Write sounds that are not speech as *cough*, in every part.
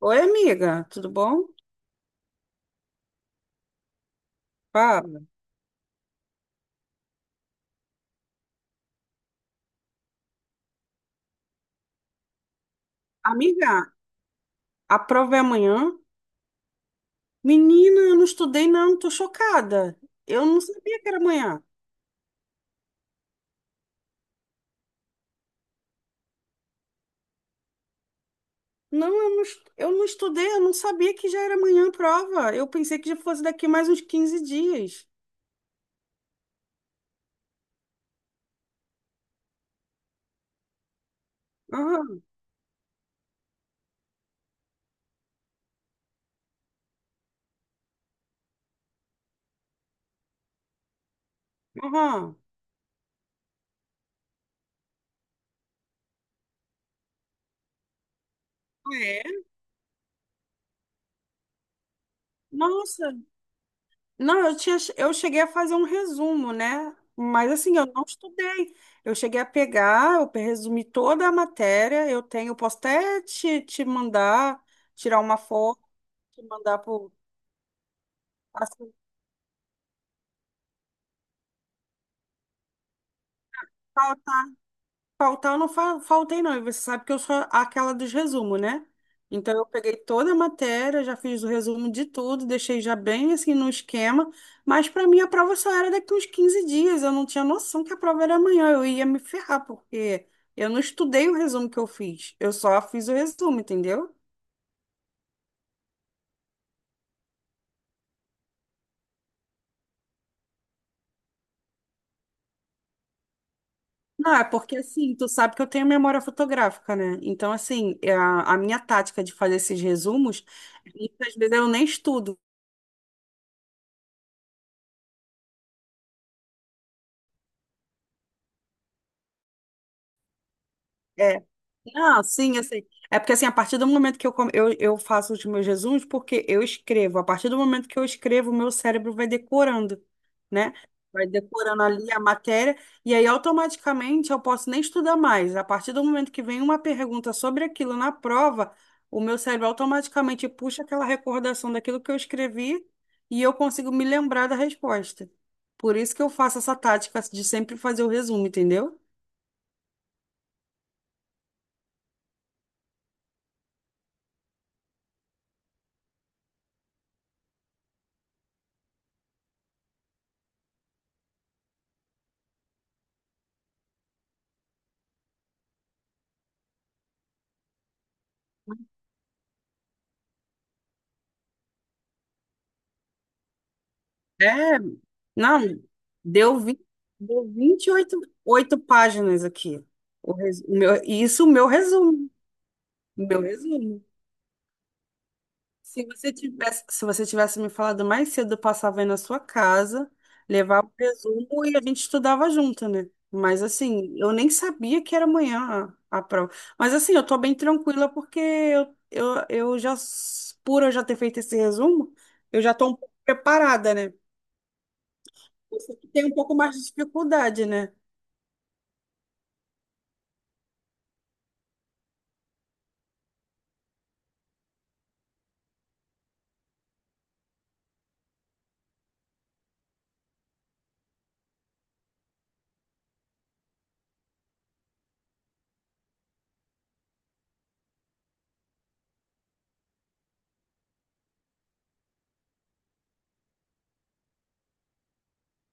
Oi, amiga, tudo bom? Fala. Amiga, a prova é amanhã? Menina, eu não estudei, não, tô chocada. Eu não sabia que era amanhã. Não, eu não estudei, eu não sabia que já era amanhã a prova. Eu pensei que já fosse daqui mais uns 15 dias. Aham, aham. Ah, é? Nossa. Não, eu cheguei a fazer um resumo, né? Mas assim, eu não estudei. Eu resumi toda a matéria. Eu posso até te mandar, tirar uma foto, te mandar por. Assim, tá, faltar eu não faltei não, e você sabe que eu sou aquela dos resumos, né? Então eu peguei toda a matéria, já fiz o resumo de tudo, deixei já bem assim no esquema, mas para mim a prova só era daqui uns 15 dias, eu não tinha noção que a prova era amanhã, eu ia me ferrar, porque eu não estudei o resumo que eu fiz, eu só fiz o resumo, entendeu? Não, é porque assim, tu sabe que eu tenho memória fotográfica, né? Então, assim, a minha tática de fazer esses resumos, muitas vezes eu nem estudo. é, Não, sim, assim. É porque assim, a partir do momento que eu faço os meus resumos, porque eu escrevo, a partir do momento que eu escrevo, o meu cérebro vai decorando, né? Vai decorando ali a matéria, e aí automaticamente eu posso nem estudar mais. A partir do momento que vem uma pergunta sobre aquilo na prova, o meu cérebro automaticamente puxa aquela recordação daquilo que eu escrevi e eu consigo me lembrar da resposta. Por isso que eu faço essa tática de sempre fazer o resumo, entendeu? É, não, deu, vi- deu 28 oito páginas aqui. O res- o meu, e isso o meu resumo. O meu resumo. Se você tivesse me falado mais cedo, eu passava aí na sua casa, levava o resumo e a gente estudava junto, né? Mas assim, eu nem sabia que era amanhã a prova. Mas assim, eu tô bem tranquila porque por eu já ter feito esse resumo, eu já tô um pouco preparada, né? Você que tem um pouco mais de dificuldade, né?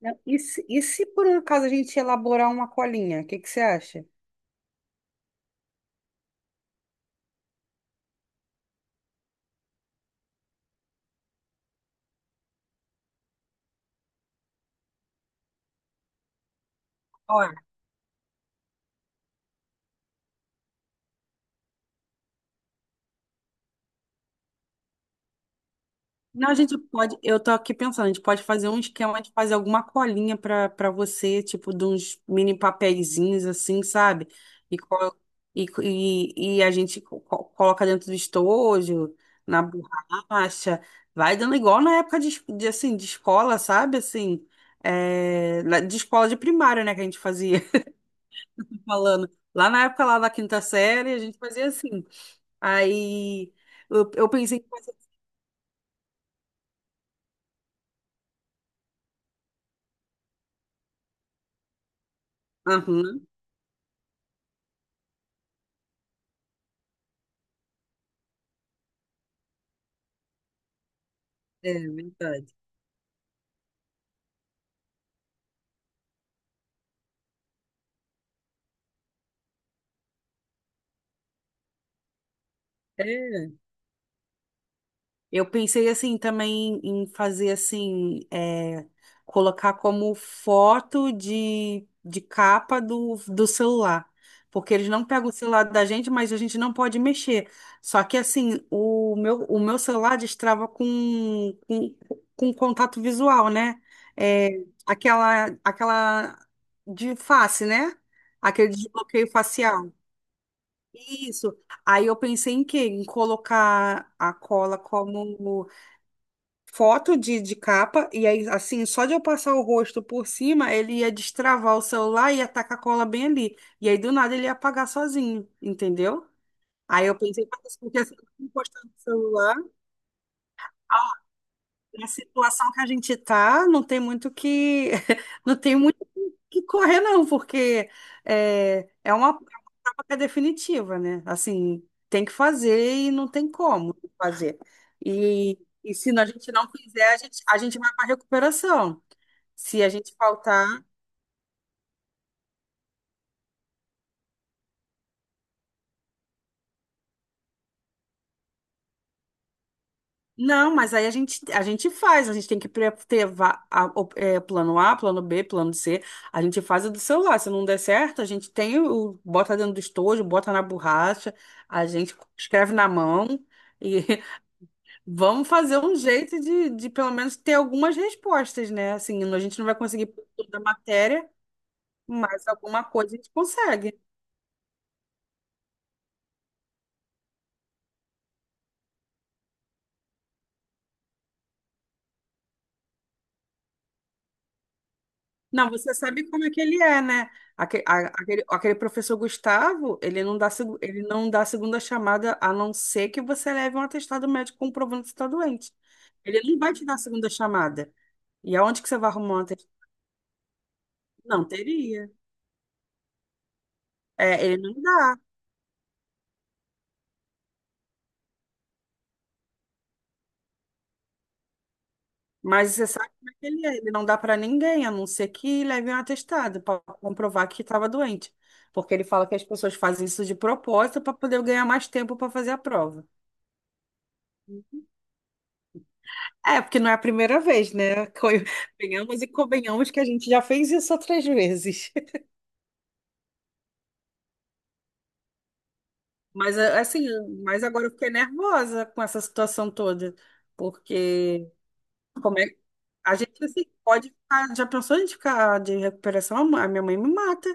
Não, e se, e se por um acaso a gente elaborar uma colinha, o que que você acha? Olha, não, a gente pode, eu tô aqui pensando, a gente pode fazer um esquema de fazer alguma colinha para você, tipo de uns mini papeizinhos assim, sabe? E, co- e, e a gente coloca dentro do estojo, na borracha, vai dando igual na época de, assim, de escola, sabe? Assim, de escola de primário, né, que a gente fazia, *laughs* falando. Lá na época lá da quinta série, a gente fazia assim. Aí eu pensei em fazer. Aham, é verdade. É. Eu pensei assim também em fazer assim, colocar como foto de capa do, do celular. Porque eles não pegam o celular da gente, mas a gente não pode mexer. Só que assim, o meu celular destrava com contato visual, né? É, aquela de face, né? Aquele desbloqueio facial. Isso. Aí eu pensei em quê? Em colocar a cola como foto de capa, e aí, assim, só de eu passar o rosto por cima, ele ia destravar o celular e ia tacar a cola bem ali. E aí, do nada, ele ia apagar sozinho, entendeu? Aí eu pensei, "Mas isso porque assim, eu tô encostando no celular. Na situação que a gente tá, não tem muito que *laughs* não tem muito que correr não, porque é uma prova que é definitiva, né? Assim, tem que fazer e não tem como fazer. E, e se a gente não fizer, a gente vai para recuperação. Se a gente faltar, não, mas aí a gente faz, a gente tem que pre- ter va- a- o- é, plano A, plano B, plano C. A gente faz o do celular. Se não der certo, a gente tem o- bota dentro do estojo, bota na borracha, a gente escreve na mão e *laughs* vamos fazer um jeito de pelo menos ter algumas respostas, né? Assim, a gente não vai conseguir toda a matéria, mas alguma coisa a gente consegue. Não, você sabe como é que ele é, né? Aquele professor Gustavo, ele não dá segunda chamada a não ser que você leve um atestado médico comprovando que você está doente. Ele não vai te dar segunda chamada. E aonde que você vai arrumar um atestado? Não teria. É, ele não dá. Mas você sabe como é que ele é. Ele não dá para ninguém, a não ser que leve um atestado para comprovar que estava doente. Porque ele fala que as pessoas fazem isso de propósito para poder ganhar mais tempo para fazer a prova. É, porque não é a primeira vez, né? *laughs* Venhamos e convenhamos que a gente já fez isso outras vezes. *laughs* Mas é, assim, mas agora eu fiquei nervosa com essa situação toda, porque como é a gente assim, pode ficar, já pensou em ficar de recuperação? A minha mãe me mata.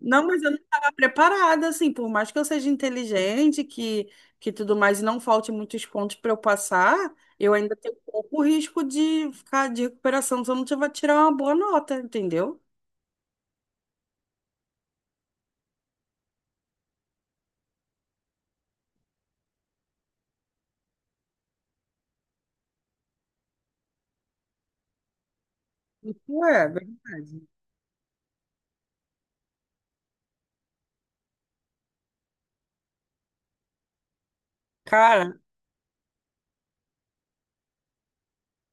Não, mas eu não estava preparada, assim, por mais que eu seja inteligente, que tudo mais, e não falte muitos pontos para eu passar, eu ainda tenho pouco risco de ficar de recuperação se eu não tiver tirar uma boa nota, entendeu? É, é verdade. Cara,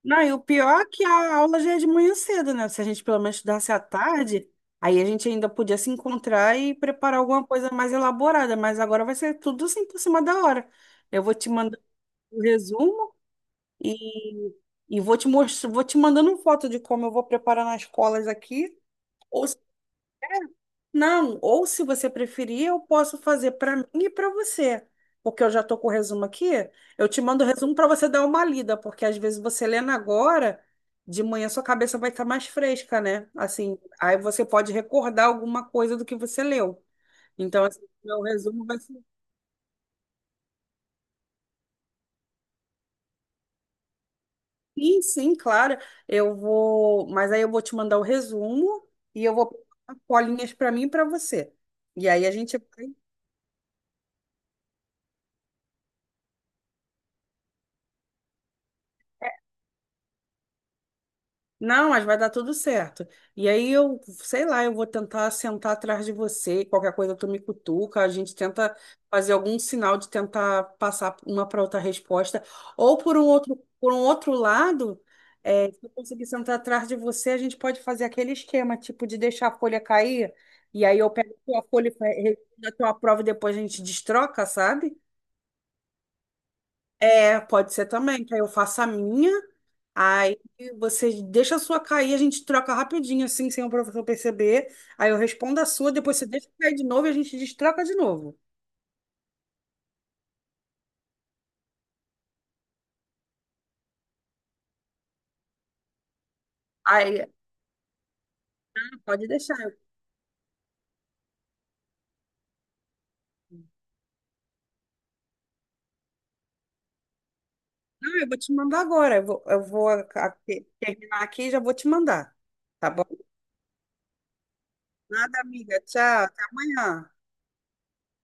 não, e o pior é que a aula já é de manhã cedo, né? Se a gente pelo menos estudasse à tarde, aí a gente ainda podia se encontrar e preparar alguma coisa mais elaborada, mas agora vai ser tudo assim por cima da hora. Eu vou te mandar o resumo e, e vou te mostrar, vou te mandando foto de como eu vou preparar nas colas aqui. Não, ou se você preferir, eu posso fazer para mim e para você, porque eu já estou com o resumo aqui. Eu te mando o resumo para você dar uma lida, porque às vezes você lendo agora, de manhã sua cabeça vai estar mais fresca, né? Assim, aí você pode recordar alguma coisa do que você leu. Então, assim, meu resumo vai ser. Sim, sim, claro. Eu vou, mas aí eu vou te mandar o resumo e eu vou pegar colinhas para mim e para você. E aí a gente vai não, mas vai dar tudo certo. E aí eu, sei lá, eu vou tentar sentar atrás de você, qualquer coisa tu me cutuca, a gente tenta fazer algum sinal de tentar passar uma para outra resposta, ou por um outro lado, é, se eu conseguir sentar atrás de você, a gente pode fazer aquele esquema, tipo de deixar a folha cair, e aí eu pego a tua folha, e a tua prova e depois a gente destroca, sabe? É, pode ser também, que aí eu faço a minha. Aí você deixa a sua cair, a gente troca rapidinho, assim, sem o professor perceber. Aí eu respondo a sua, depois você deixa cair de novo e a gente destroca de novo. Aí, "Ah, pode deixar. Eu, não, eu vou te mandar agora. Eu vou a- terminar aqui e já vou te mandar. Tá bom? Nada, amiga. Tchau. Até amanhã.